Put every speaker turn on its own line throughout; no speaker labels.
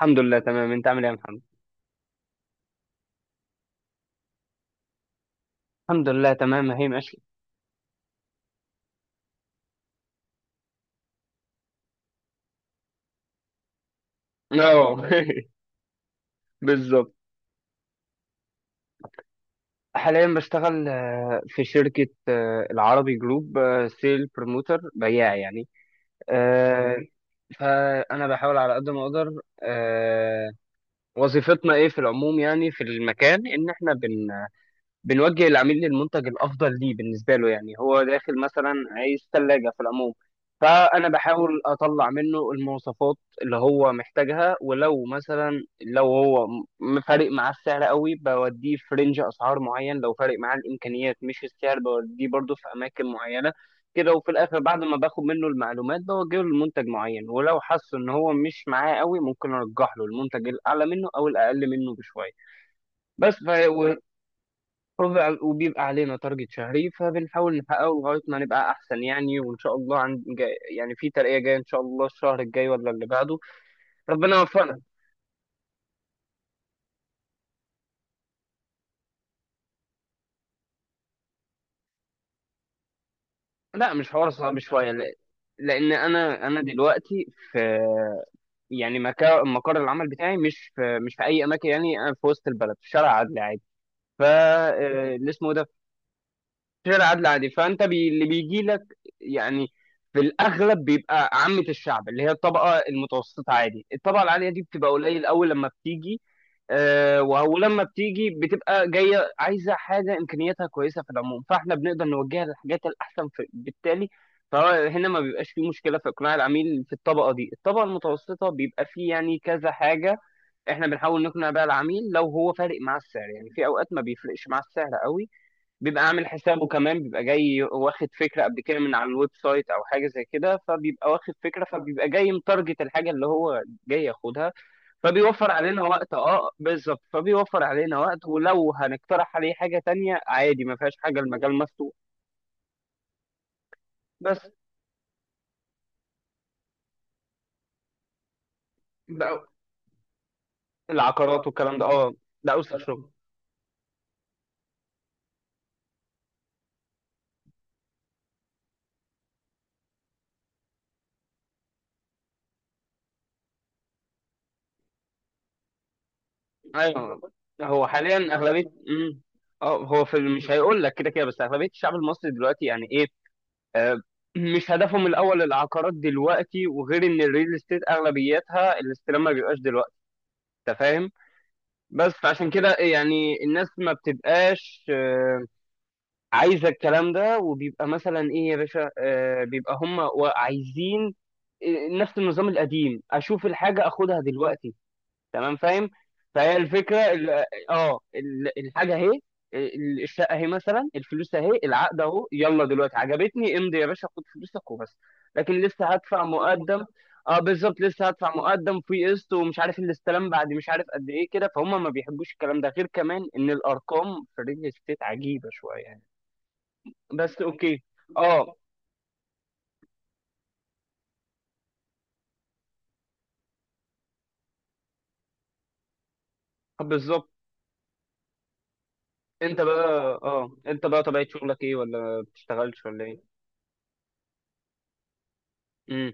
الحمد لله تمام. انت عامل ايه يا محمد؟ الحمد لله تمام هي ماشي. اه بالظبط. حاليا بشتغل في شركة العربي جروب، سيل بروموتر بياع يعني. آه، فأنا بحاول على قد ما أقدر. آه، وظيفتنا إيه في العموم يعني في المكان، إن إحنا بنوجه العميل للمنتج الافضل ليه بالنسبه له. يعني هو داخل مثلا عايز ثلاجه في العموم، فانا بحاول اطلع منه المواصفات اللي هو محتاجها، ولو مثلا فارق معاه السعر قوي بوديه في رينج اسعار معين، لو فارق معاه الامكانيات مش السعر بوديه برضه في اماكن معينه كده. وفي الاخر بعد ما باخد منه المعلومات بوجهه لمنتج معين، ولو حس ان هو مش معاه قوي ممكن ارجح له المنتج الاعلى منه او الاقل منه بشويه. بس ف... وبيبقى علينا تارجت شهري، فبنحاول نحققه لغاية ما نبقى أحسن يعني، وإن شاء الله عند جاي يعني في ترقية جاية إن شاء الله الشهر الجاي ولا اللي بعده. ربنا يوفقنا. لا مش حوار صعب شوية. لأن أنا دلوقتي في، يعني مقر العمل بتاعي مش في، مش في أي أماكن. يعني أنا في وسط البلد في شارع عدلي عادي. ف آه، اللي اسمه ده غير عدل عادي. اللي بيجي لك يعني في الاغلب بيبقى عامه الشعب، اللي هي الطبقه المتوسطه عادي. الطبقه العاليه دي بتبقى قليل اول لما بتيجي. آه، ولما بتيجي بتبقى جايه عايزه حاجه امكانياتها كويسه في العموم، فاحنا بنقدر نوجهها للحاجات الاحسن بالتالي. فهنا ما بيبقاش فيه مشكله في اقناع العميل. في الطبقه دي، الطبقه المتوسطه، بيبقى فيه يعني كذا حاجه احنا بنحاول نقنع بيها العميل لو هو فارق مع السعر. يعني في اوقات ما بيفرقش مع السعر قوي، بيبقى عامل حسابه، كمان بيبقى جاي واخد فكرة قبل كده من على الويب سايت أو حاجة زي كده، فبيبقى واخد فكرة، فبيبقى جاي متارجت الحاجة اللي هو جاي ياخدها، فبيوفر علينا وقت. اه بالظبط، فبيوفر علينا وقت. ولو هنقترح عليه حاجة تانية عادي ما فيهاش حاجة، المجال مفتوح. بس بقى العقارات والكلام ده، اه ده أوسخ شغل. أيوه. هو حاليا أغلبية اه هو في مش هيقول لك كده كده، بس أغلبية الشعب المصري دلوقتي يعني إيه، آه، مش هدفهم الاول العقارات دلوقتي. وغير ان الريل استيت اغلبيتها الاستلام ما بيبقاش دلوقتي، انت فاهم. بس فعشان كده يعني الناس ما بتبقاش عايزه الكلام ده. وبيبقى مثلا ايه يا باشا، بيبقى هم عايزين نفس النظام القديم: اشوف الحاجه اخدها دلوقتي. تمام فاهم. فهي الفكره، الحاجه اهي، الشقه اهي، مثلا الفلوس اهي، العقد اهو، يلا دلوقتي عجبتني امضي يا باشا خد فلوسك وبس. لكن لسه هدفع مقدم. اه بالظبط، لسه هدفع مقدم في قسط، ومش عارف الاستلام بعد مش عارف قد ايه كده، فهم ما بيحبوش الكلام ده. غير كمان ان الارقام في الريل استيت عجيبه شويه يعني. بس اوكي. اه بالظبط. انت بقى، اه انت بقى طبيعه شغلك ايه، ولا ما بتشتغلش ولا ايه؟ امم.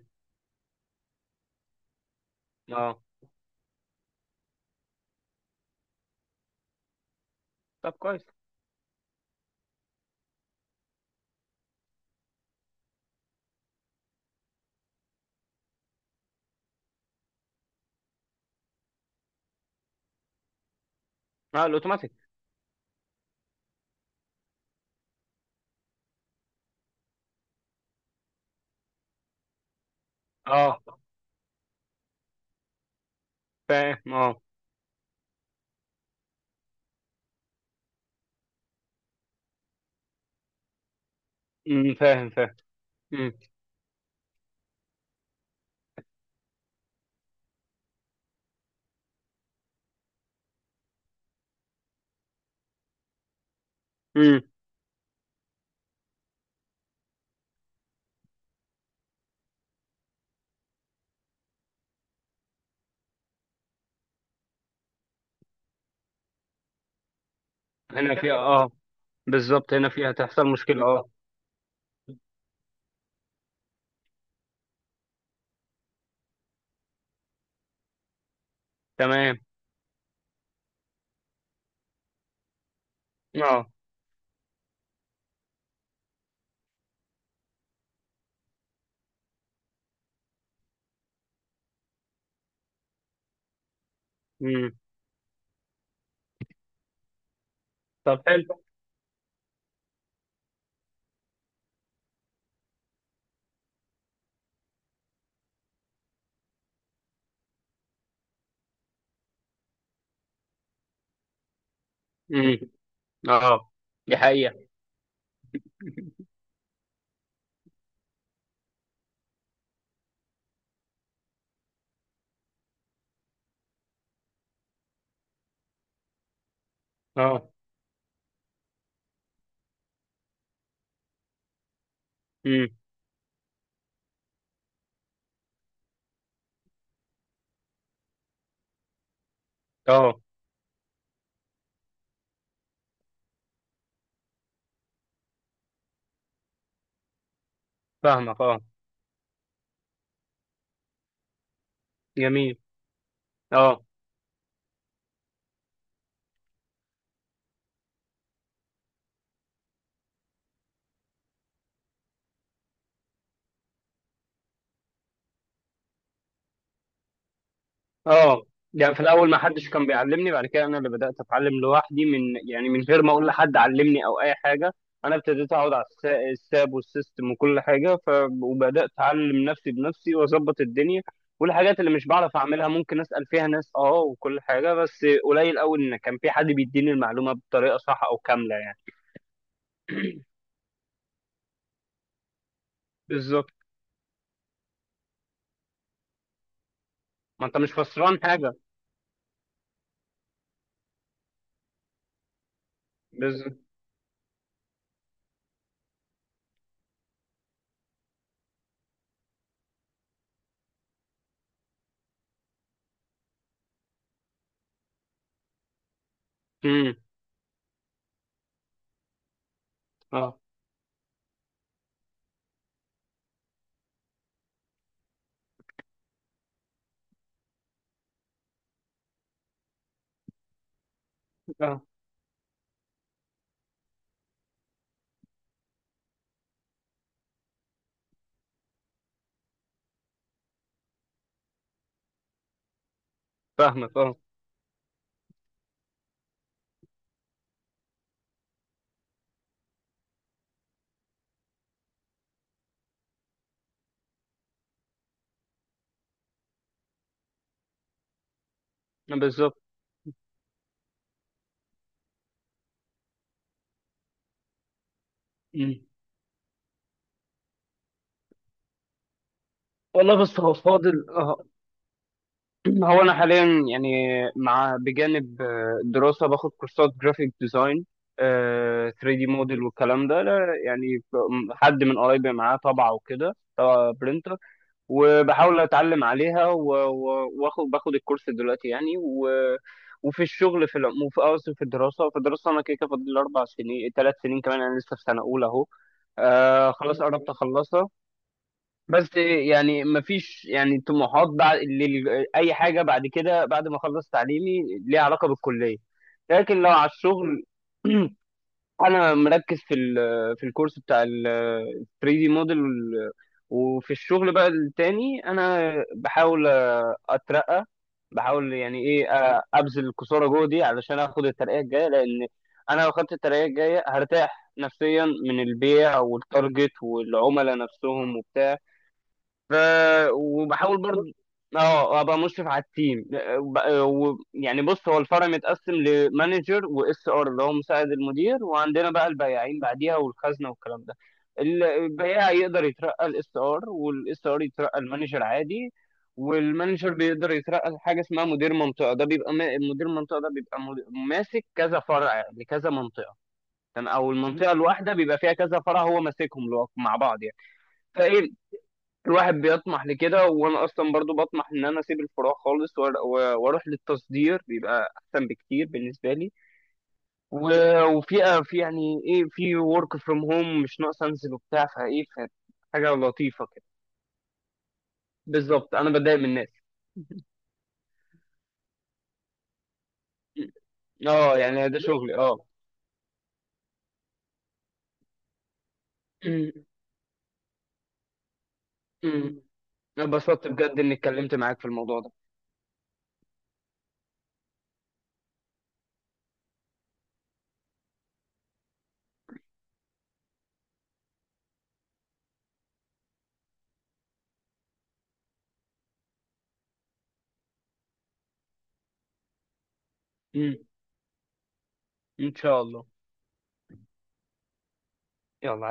اه. طب كويس. اه الاوتوماتيك. اه فاهم اه. أمم، فاهم فاهم. أمم، أمم. هنا فيها اه، بالظبط هنا فيها تحصل مشكلة اه. تمام اه. أمم. طب حلو. أمم، اه دي حقيقة. اه أمم، اه فاهمك اه. جميل. اه. اه يعني في الاول ما حدش كان بيعلمني، بعد كده انا اللي بدات اتعلم لوحدي من، يعني من غير ما اقول لحد علمني او اي حاجه. انا ابتديت اقعد على الساب والسيستم وكل حاجه، وبدات اتعلم نفسي بنفسي واظبط الدنيا والحاجات اللي مش بعرف اعملها ممكن اسال فيها ناس، اه وكل حاجه، بس قليل قوي ان كان في حد بيديني المعلومه بطريقه صح او كامله يعني. بالظبط. ما انت مش خسران حاجه. بالظبط. امم. اه. اه فاهمك اه. بالظبط. مم. والله بص هو فاضل اه. هو انا حاليا يعني، مع بجانب الدراسه باخد كورسات جرافيك ديزاين، 3D موديل والكلام ده. لا، يعني حد من قرايبي معاه طابعه وكده، طابعه برينتر، وبحاول اتعلم عليها واخد باخد الكورس دلوقتي يعني. و وفي الشغل في العموم، في قصدي في الدراسه، في الدراسه انا كده كده فاضل لي اربع سنين ثلاث سنين كمان، انا لسه في سنه اولى اهو. آه خلاص قربت اخلصها. بس يعني مفيش يعني طموحات بعد اي حاجه بعد كده بعد ما اخلص تعليمي ليها علاقه بالكليه، لكن لو على الشغل، انا مركز في في الكورس بتاع ال 3 دي موديل. وفي الشغل بقى التاني انا بحاول اترقى، بحاول يعني ايه ابذل الكسوره جوه دي علشان اخد الترقيه الجايه، لان انا لو خدت الترقيه الجايه هرتاح نفسيا من البيع والتارجت والعملاء نفسهم وبتاع. ف وبحاول برضه اه ابقى مشرف على التيم. وب- يعني بص، هو الفرع متقسم لمانجر واس ار اللي هو مساعد المدير، وعندنا بقى البياعين بعديها والخزنه والكلام ده. البياع يقدر يترقى الاس ار، والاس ار يترقى المانجر عادي. والمانجر بيقدر يترقى لحاجه اسمها مدير منطقه. ده بيبقى مدير منطقه، ده بيبقى ماسك كذا فرع لكذا منطقه. تمام؟ او المنطقه الواحده بيبقى فيها كذا فرع هو ماسكهم مع بعض يعني. فايه الواحد بيطمح لكده، وانا اصلا برضو بطمح ان انا اسيب الفروع خالص واروح للتصدير، بيبقى احسن بكتير بالنسبه لي. وفي، في يعني ايه، في ورك فروم هوم، مش ناقص انزل وبتاع. فايه حاجه لطيفه كده. بالظبط انا بتضايق من الناس. اه يعني ده شغلي اه. أمم، أمم. انا اتبسطت بجد اني اتكلمت معاك في الموضوع ده. أمم، ان شاء الله. يلا.